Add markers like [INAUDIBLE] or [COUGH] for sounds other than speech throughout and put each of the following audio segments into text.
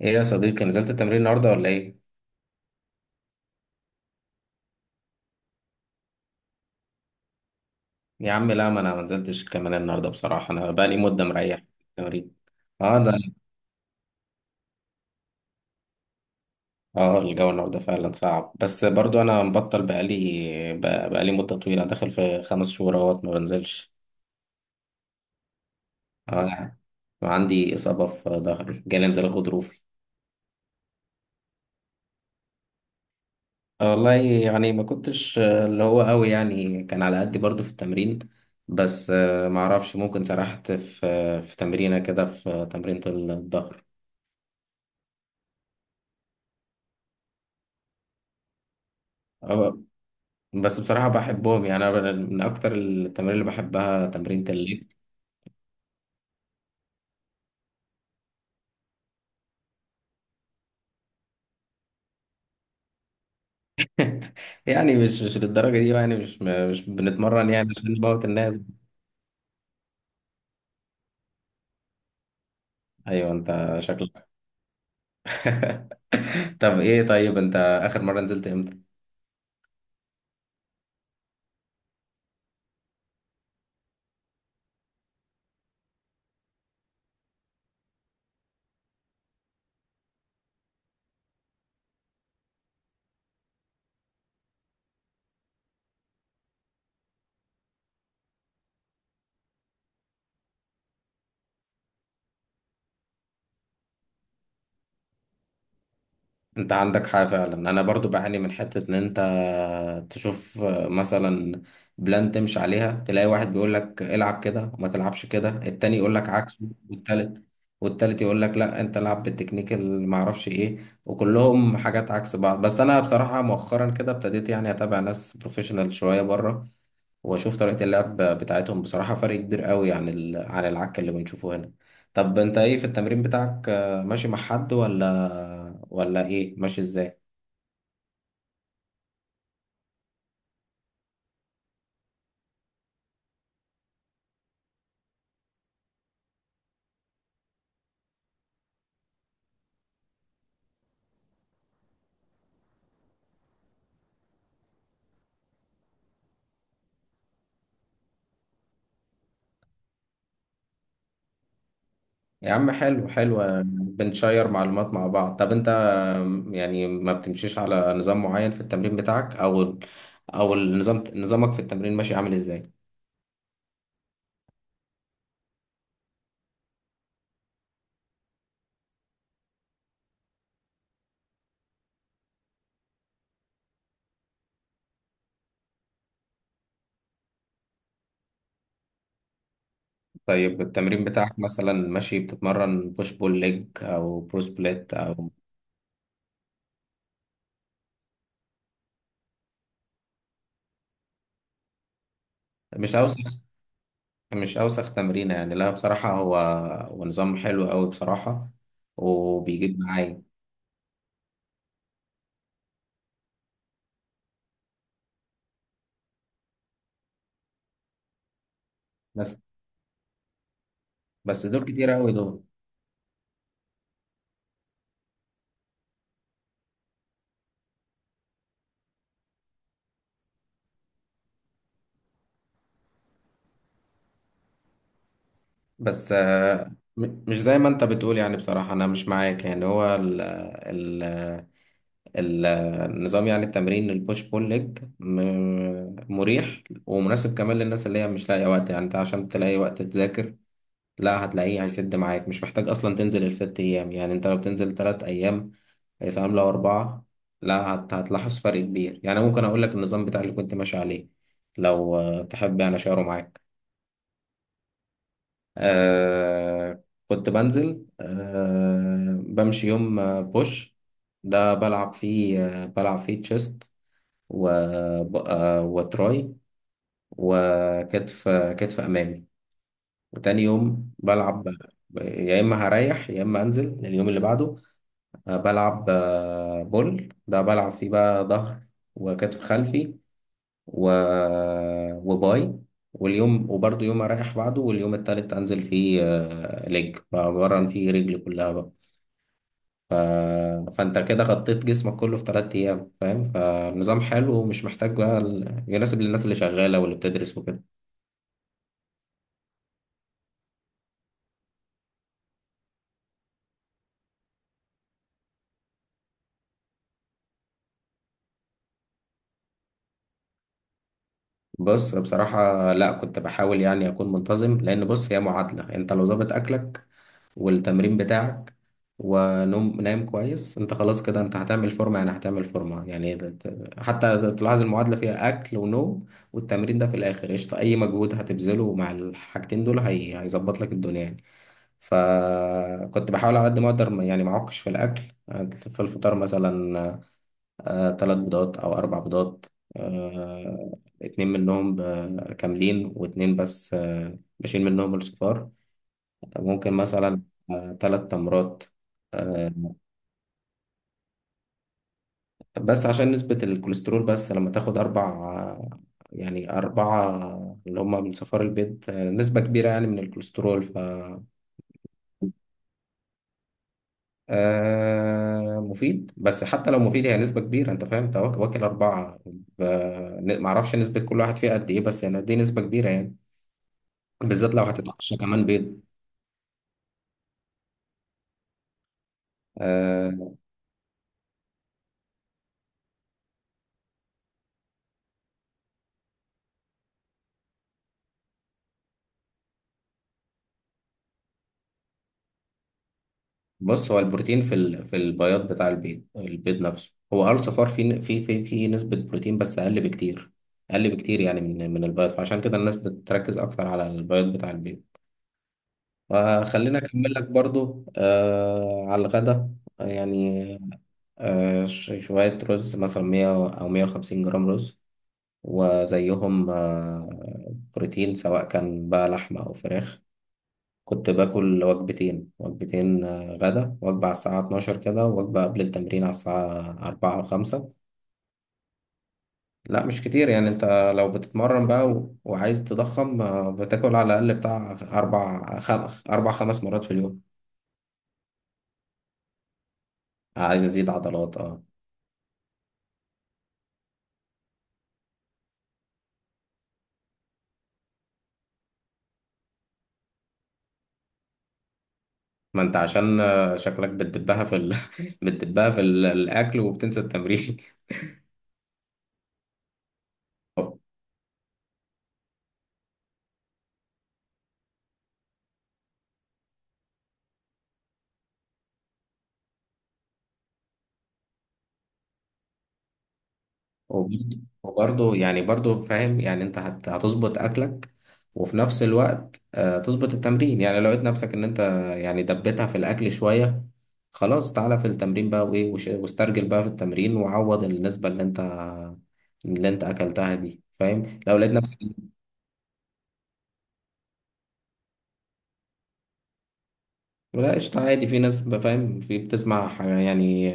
ايه يا صديقي، نزلت التمرين النهارده ولا ايه؟ يا عم لا، ما انا ما نزلتش كمان النهارده، بصراحه انا بقالي مده مريح من التمرين. اه ده. اه، الجو النهارده فعلا صعب، بس برضو انا مبطل بقالي. بقالي مده طويله، داخل في خمس شهور اهوت ما بنزلش. اه، وعندي اصابه في ظهري، جالي انزلاق غضروفي. آه والله، يعني ما كنتش اللي هو قوي، يعني كان على قدي برضو في التمرين. بس ما اعرفش، ممكن سرحت في تمرينه كده، في تمرينة الظهر. اه، بس بصراحة بحبهم، يعني أنا من أكتر التمارين اللي بحبها تمرين الليج. [LAUGHS] يعني مش للدرجة دي بقى، يعني مش بنتمرن يعني عشان نموت الناس. أيوه أنت شكلك. [LAUGHS] طب إيه، طيب أنت، آخر مرة نزلت إمتى؟ انت عندك حاجة فعلا، انا برضو بعاني من حتة ان انت تشوف مثلا بلان تمشي عليها، تلاقي واحد بيقول لك العب كده وما تلعبش كده، التاني يقول لك عكسه، والتالت والتالت يقول لك لا انت العب بالتكنيك اللي ما اعرفش ايه، وكلهم حاجات عكس بعض. بس انا بصراحة مؤخرا كده ابتديت يعني اتابع ناس بروفيشنال شوية بره، واشوف طريقة اللعب بتاعتهم، بصراحة فرق كبير قوي عن العك اللي بنشوفه هنا. طب انت ايه في التمرين بتاعك، ماشي مع حد ولا ايه، ماشي ازاي؟ يا عم، حلو حلو، بنشير معلومات مع بعض. طب انت، يعني ما بتمشيش على نظام معين في التمرين بتاعك، او او نظامك في التمرين ماشي عامل ازاي؟ طيب التمرين بتاعك مثلا، ماشي بتتمرن بوش بول ليج او برو سبليت او... مش عاوز. مش أوسخ تمرينة يعني، لا بصراحة هو نظام حلو أوي بصراحة، وبيجيب معايا. بس بس دول كتير أوي دول. بس مش زي ما أنت بتقول، يعني بصراحة أنا مش معاك. يعني هو النظام، يعني التمرين البوش بول ليج، مريح ومناسب كمان للناس اللي هي مش لاقية وقت. يعني أنت عشان تلاقي وقت تذاكر، لا هتلاقيه هيسد معاك، مش محتاج أصلا تنزل الست أيام. يعني أنت لو بتنزل تلات أيام، هي سنة عاملة أربعة. لا هتلاحظ فرق كبير. يعني ممكن أقول لك النظام بتاع اللي كنت ماشي عليه، لو تحب يعني أشاره معاك. كنت بنزل، بمشي يوم، بوش، ده بلعب فيه تشيست، و آه وتراي، وكتف، آه، كتف أمامي. وتاني يوم بلعب، يا إما هريح يا إما أنزل اليوم اللي بعده. بلعب، بول، ده بلعب فيه بقى ظهر وكتف خلفي و... وباي. واليوم، يوم أريح بعده، واليوم التالت أنزل فيه ليج، بمرن فيه رجلي كلها بقى. فأنت كده غطيت جسمك كله في تلات أيام، فاهم، فالنظام حلو ومش محتاج بقى، يناسب للناس اللي شغالة واللي بتدرس وكده. بص بصراحة لا، كنت بحاول يعني أكون منتظم، لأن بص هي معادلة، أنت لو ظابط أكلك والتمرين بتاعك ونوم نايم كويس، انت خلاص كده انت هتعمل فورمة، يعني هتعمل فورمة، يعني حتى تلاحظ المعادلة فيها أكل ونوم والتمرين، ده في الآخر قشطة. أي مجهود هتبذله مع الحاجتين دول هيظبط لك الدنيا يعني. فكنت بحاول على قد ما أقدر يعني ما أعكش في الأكل. في الفطار مثلا تلات بيضات أو أربع بيضات، اتنين منهم كاملين، واتنين بس بشيل منهم الصفار. ممكن مثلا تلات تمرات. آه، بس عشان نسبة الكوليسترول، بس لما تاخد أربع، آه، يعني أربعة اللي هما من صفار البيض، نسبة كبيرة يعني من الكوليسترول. ف آه، مفيد، بس حتى لو مفيد هي نسبة كبيرة. أنت فاهم، أنت واكل أربعة، ف- معرفش نسبة كل واحد فيها قد إيه، بس يعني دي نسبة كبيرة يعني، بالذات لو هتتعشى كمان بيض. آه، بص، هو البروتين في في البياض بتاع البيض، البيض نفسه هو صفار، في نسبة بروتين بس أقل بكتير. أقل بكتير يعني من البياض، فعشان كده الناس بتركز أكتر على البياض بتاع البيض. فخلينا أكمل لك برضو على الغدا. يعني شوية رز مثلا 100 أو 150 جرام رز، وزيهم بروتين، سواء كان بقى لحمة أو فراخ. كنت باكل وجبتين، غدا وجبة على الساعة 12 كده، وجبة قبل التمرين على الساعة 4 أو 5. لا مش كتير يعني، أنت لو بتتمرن بقى وعايز تضخم، بتاكل على الأقل بتاع أربع خمس مرات في اليوم. عايز أزيد عضلات أه. ما أنت عشان شكلك بتدبها [LAUGHS] بتدبها الأكل، وبتنسى التمرين. [LAUGHS] وبرضه وبرضه يعني فاهم، يعني انت هتظبط اكلك، وفي نفس الوقت تظبط التمرين. يعني لو لقيت نفسك ان انت، يعني دبتها في الاكل شوية، خلاص تعالى في التمرين بقى، وايه واسترجل بقى في التمرين، وعوض النسبة اللي انت اكلتها دي، فاهم لو لقيت نفسك. لا قشطة عادي، في ناس فاهم، في بتسمع يعني،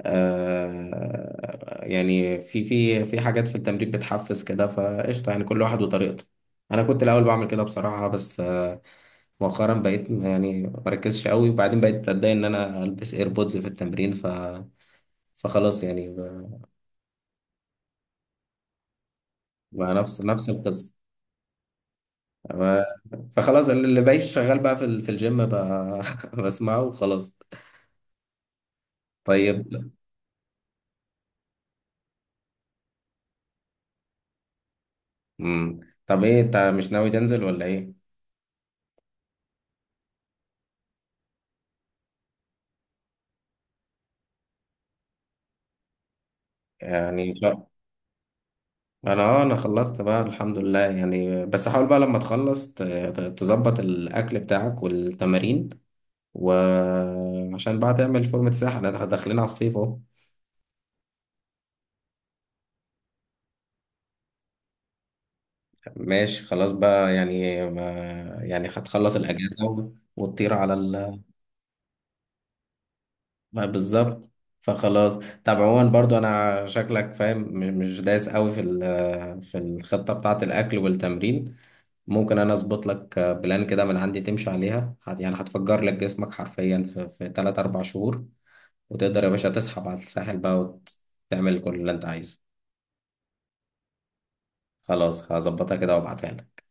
يعني في حاجات في التمرين بتحفز كده، فقشطة يعني كل واحد وطريقته. أنا كنت الأول بعمل كده بصراحة، بس مؤخرا بقيت يعني ما بركزش قوي، وبعدين بقيت أتضايق إن أنا ألبس إيربودز في التمرين. فخلاص، يعني بقى نفس القصة. ف- فخلاص، اللي بقيت شغال بقى في في الجيم بقى، [LAUGHS] بسمعه وخلاص. طيب. مم. طب إيه أنت مش ناوي تنزل ولا إيه؟ يعني انا، خلصت بقى الحمد لله، يعني بس حاول بقى لما تخلص تظبط الاكل بتاعك والتمارين، وعشان بقى تعمل فورمة ساحة، احنا داخلين على الصيف اهو. ماشي خلاص بقى، يعني ما يعني هتخلص الاجازة وتطير على بقى بالظبط. فخلاص. طب عموما برضو، انا شكلك فاهم مش دايس قوي في في الخطة بتاعة الاكل والتمرين. ممكن انا اظبط لك بلان كده من عندي تمشي عليها، يعني هتفجر لك جسمك حرفيا في 3 4 شهور، وتقدر يا باشا تسحب على الساحل بقى وتعمل كل اللي انت عايزه. خلاص هظبطها كده وابعتها لك.